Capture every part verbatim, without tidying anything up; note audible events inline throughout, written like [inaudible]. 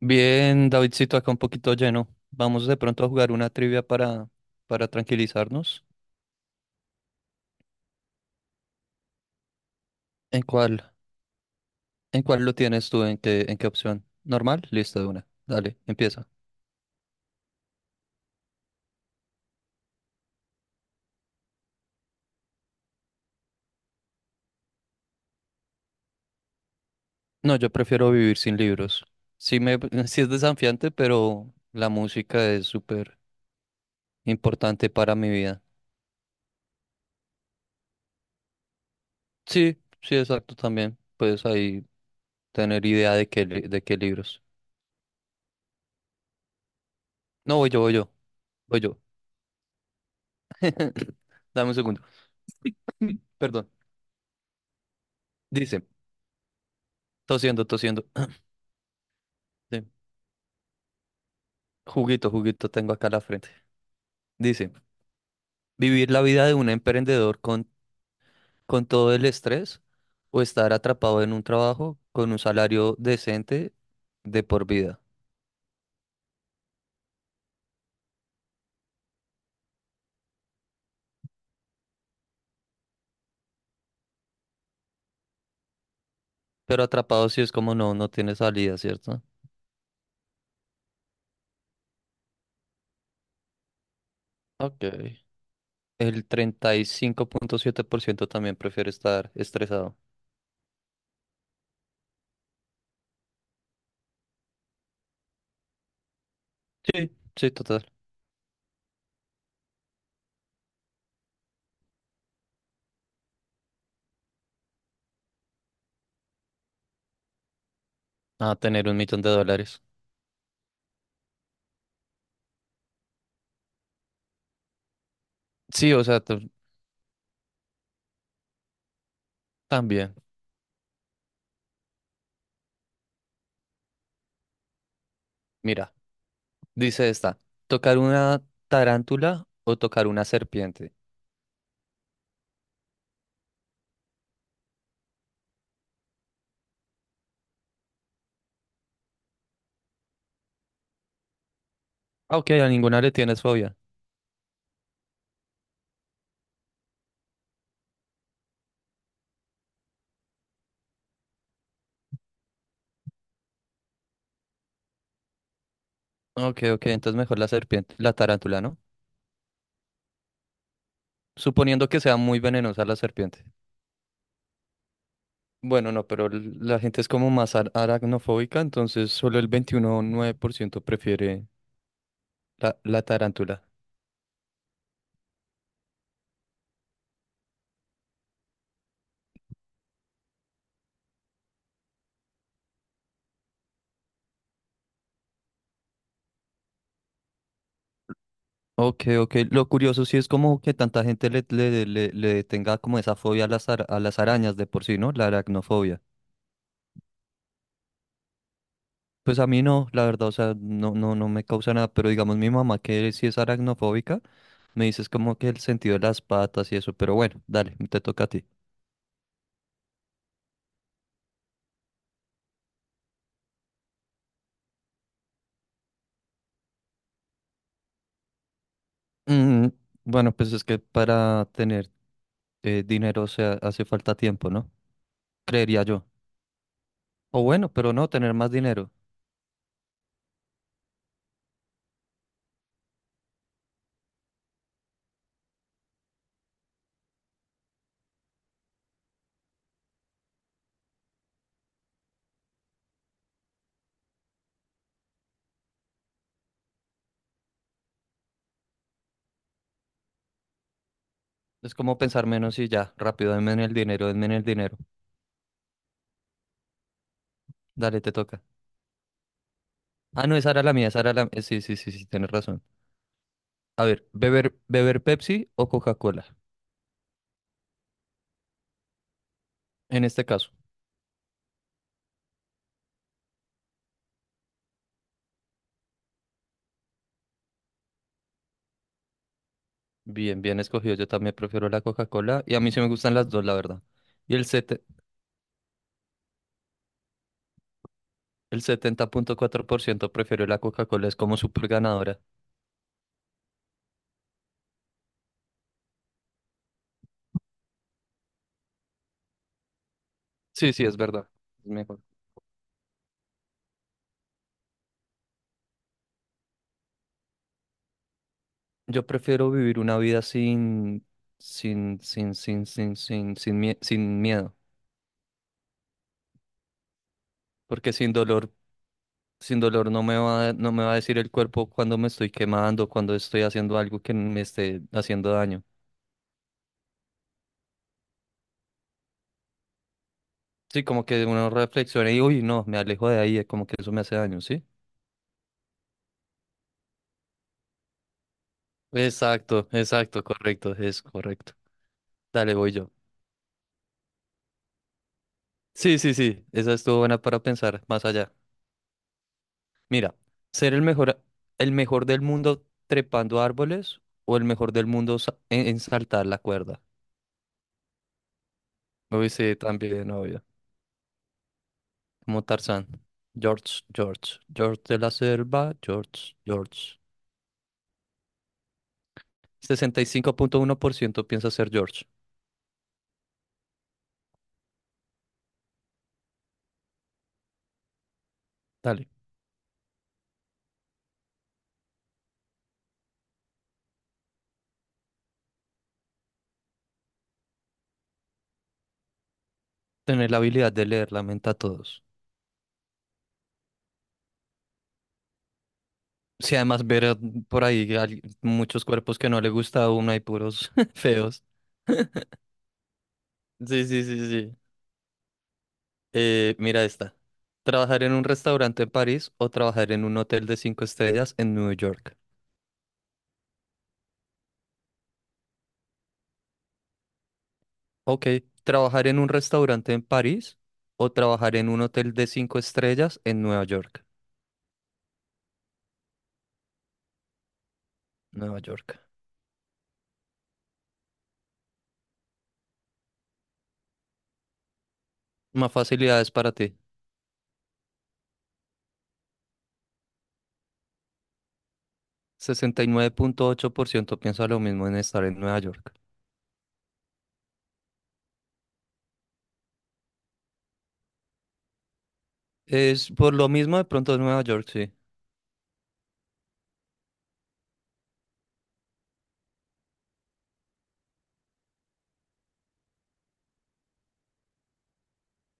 Bien, Davidcito, acá un poquito lleno. Vamos de pronto a jugar una trivia para, para tranquilizarnos. ¿En cuál? ¿En cuál lo tienes tú? ¿En qué, en qué opción? ¿Normal? Listo, de una. Dale, empieza. No, yo prefiero vivir sin libros. Sí, me, [laughs] sí es desafiante, pero la música es súper importante para mi vida. Sí, sí, exacto, también. Puedes ahí tener idea de qué, li- de qué libros. No, voy yo, voy yo, voy yo. [laughs] Dame un segundo. [laughs] Perdón. Dice, tosiendo, tosiendo. Sí. Juguito, juguito tengo acá a la frente. Dice, ¿vivir la vida de un emprendedor con, con todo el estrés o estar atrapado en un trabajo con un salario decente de por vida? Pero atrapado si es como no, no tiene salida, ¿cierto? Ok. El treinta y cinco punto siete por ciento también prefiere estar estresado. Sí. Sí, total. A tener un millón de dólares. Sí, o sea, t- también. Mira, dice esta, ¿tocar una tarántula o tocar una serpiente? Ah, ok, a ninguna le tienes fobia. Ok, ok, entonces mejor la serpiente, la tarántula, ¿no? Suponiendo que sea muy venenosa la serpiente. Bueno, no, pero l- la gente es como más ar- aracnofóbica, entonces solo el veintiuno punto nueve por ciento prefiere la, la tarántula. Ok, ok. Lo curioso sí es como que tanta gente le, le, le, le tenga como esa fobia a las, ar- a las arañas de por sí, ¿no? La aracnofobia. Pues a mí no, la verdad, o sea, no, no, no me causa nada, pero digamos mi mamá que sí es aracnofóbica, me dices como que el sentido de las patas y eso, pero bueno, dale, te toca a ti. Mm, bueno, pues es que para tener eh, dinero, o sea, hace falta tiempo, ¿no? Creería yo. O bueno, pero no, tener más dinero. Es como pensar menos y ya, rápido, denme en el dinero, denme en el dinero. Dale, te toca. Ah, no, esa era la mía, esa era la... eh, Sí, sí, sí, sí, tienes razón. A ver, beber, beber Pepsi o Coca-Cola, en este caso. Bien, bien escogido. Yo también prefiero la Coca-Cola y a mí sí me gustan las dos, la verdad. Y el sete- el setenta punto cuatro por ciento prefiero la Coca-Cola, es como súper ganadora. Sí, sí, es verdad. Es mejor. Yo prefiero vivir una vida sin, sin, sin, sin, sin, sin, sin, mie- sin miedo, porque sin dolor, sin dolor no me va, a- no me va a decir el cuerpo cuando me estoy quemando, cuando estoy haciendo algo que me esté haciendo daño. Sí, como que uno reflexiona y, uy, no, me alejo de ahí, eh, como que eso me hace daño, ¿sí? Exacto, exacto, correcto, es correcto. Dale, voy yo. Sí, sí, sí, esa estuvo buena para pensar más allá. Mira, ser el mejor, el mejor del mundo trepando árboles o el mejor del mundo sa- en, en saltar la cuerda. Uy, sí, también, obvio. Como Tarzán. George, George, George de la selva, George, George. Sesenta y cinco punto uno por ciento piensa ser George. Dale. Tener la habilidad de leer la mente a todos. Sí, además ver eh, por ahí al- muchos cuerpos que no le gusta a uno y puros [laughs] feos. Sí, sí, sí, sí. Eh, mira esta. ¿Trabajar en un restaurante en París o trabajar en un hotel de cinco estrellas en Nueva York? Ok, ¿trabajar en un restaurante en París o trabajar en un hotel de cinco estrellas en Nueva York? Nueva York. Más facilidades para ti. Sesenta y nueve punto ocho por ciento piensa lo mismo en estar en Nueva York. Es por lo mismo de pronto en Nueva York, sí.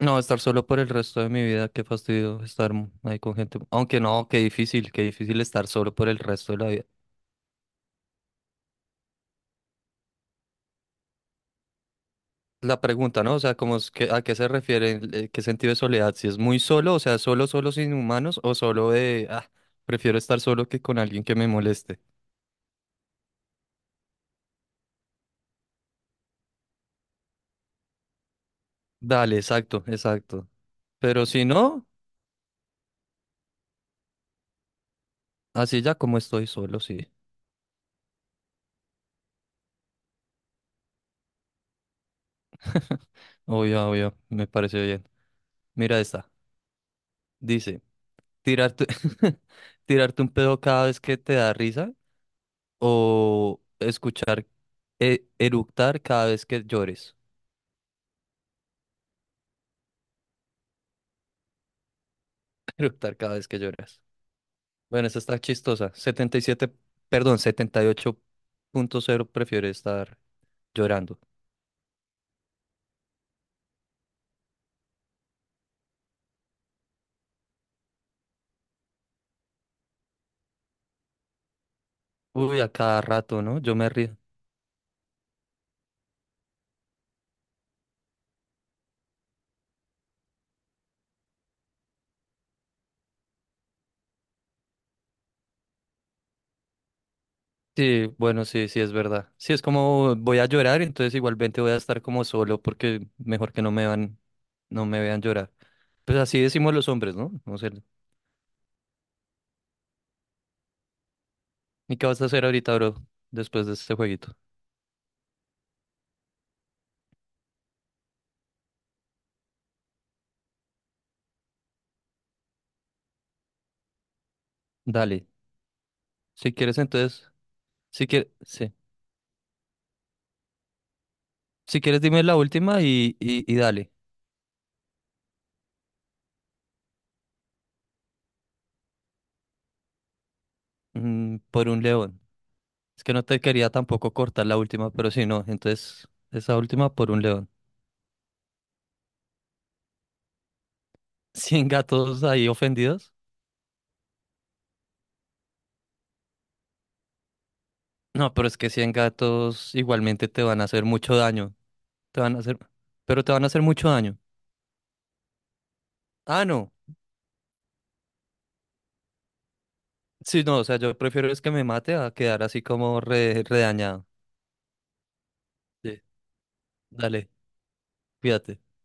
No, estar solo por el resto de mi vida, qué fastidio estar m- ahí con gente. Aunque no, qué difícil, qué difícil estar solo por el resto de la vida. La pregunta, ¿no? O sea, como es que, ¿a qué se refiere? el- eh, ¿Qué sentido de soledad? Si es muy solo, o sea, solo, solo sin humanos, o solo de, ah, prefiero estar solo que con alguien que me moleste. Dale, exacto, exacto. Pero si no, así ya como estoy solo, sí. [laughs] Obvio, obvio, me parece bien. Mira esta. Dice, tirarte, [laughs] tirarte un pedo cada vez que te da risa o escuchar eh, eructar cada vez que llores. [laughs] Eructar cada vez que lloras. Bueno, esta está chistosa. Setenta y siete perdón, setenta y ocho punto cero prefiere estar llorando. Uy, a cada rato, ¿no? Yo me río. Sí, bueno, sí, sí, es verdad. Sí, es como voy a llorar, entonces igualmente voy a estar como solo porque mejor que no me van, no me vean llorar. Pues así decimos los hombres, ¿no? No sé. ¿Y qué vas a hacer ahorita, bro? Después de este jueguito. Dale. Si quieres, entonces. Si quieres, sí. Si quieres, dime la última y, y, y dale. Mm, por un león. Es que no te quería tampoco cortar la última, pero si no, entonces esa última por un león. [laughs] ¿Cien gatos ahí ofendidos? No, pero es que cien gatos igualmente te van a hacer mucho daño. Te van a hacer, pero te van a hacer mucho daño. Ah, no. Sí, no, o sea, yo prefiero es que me mate a quedar así como re, redañado. Sí, dale, cuídate.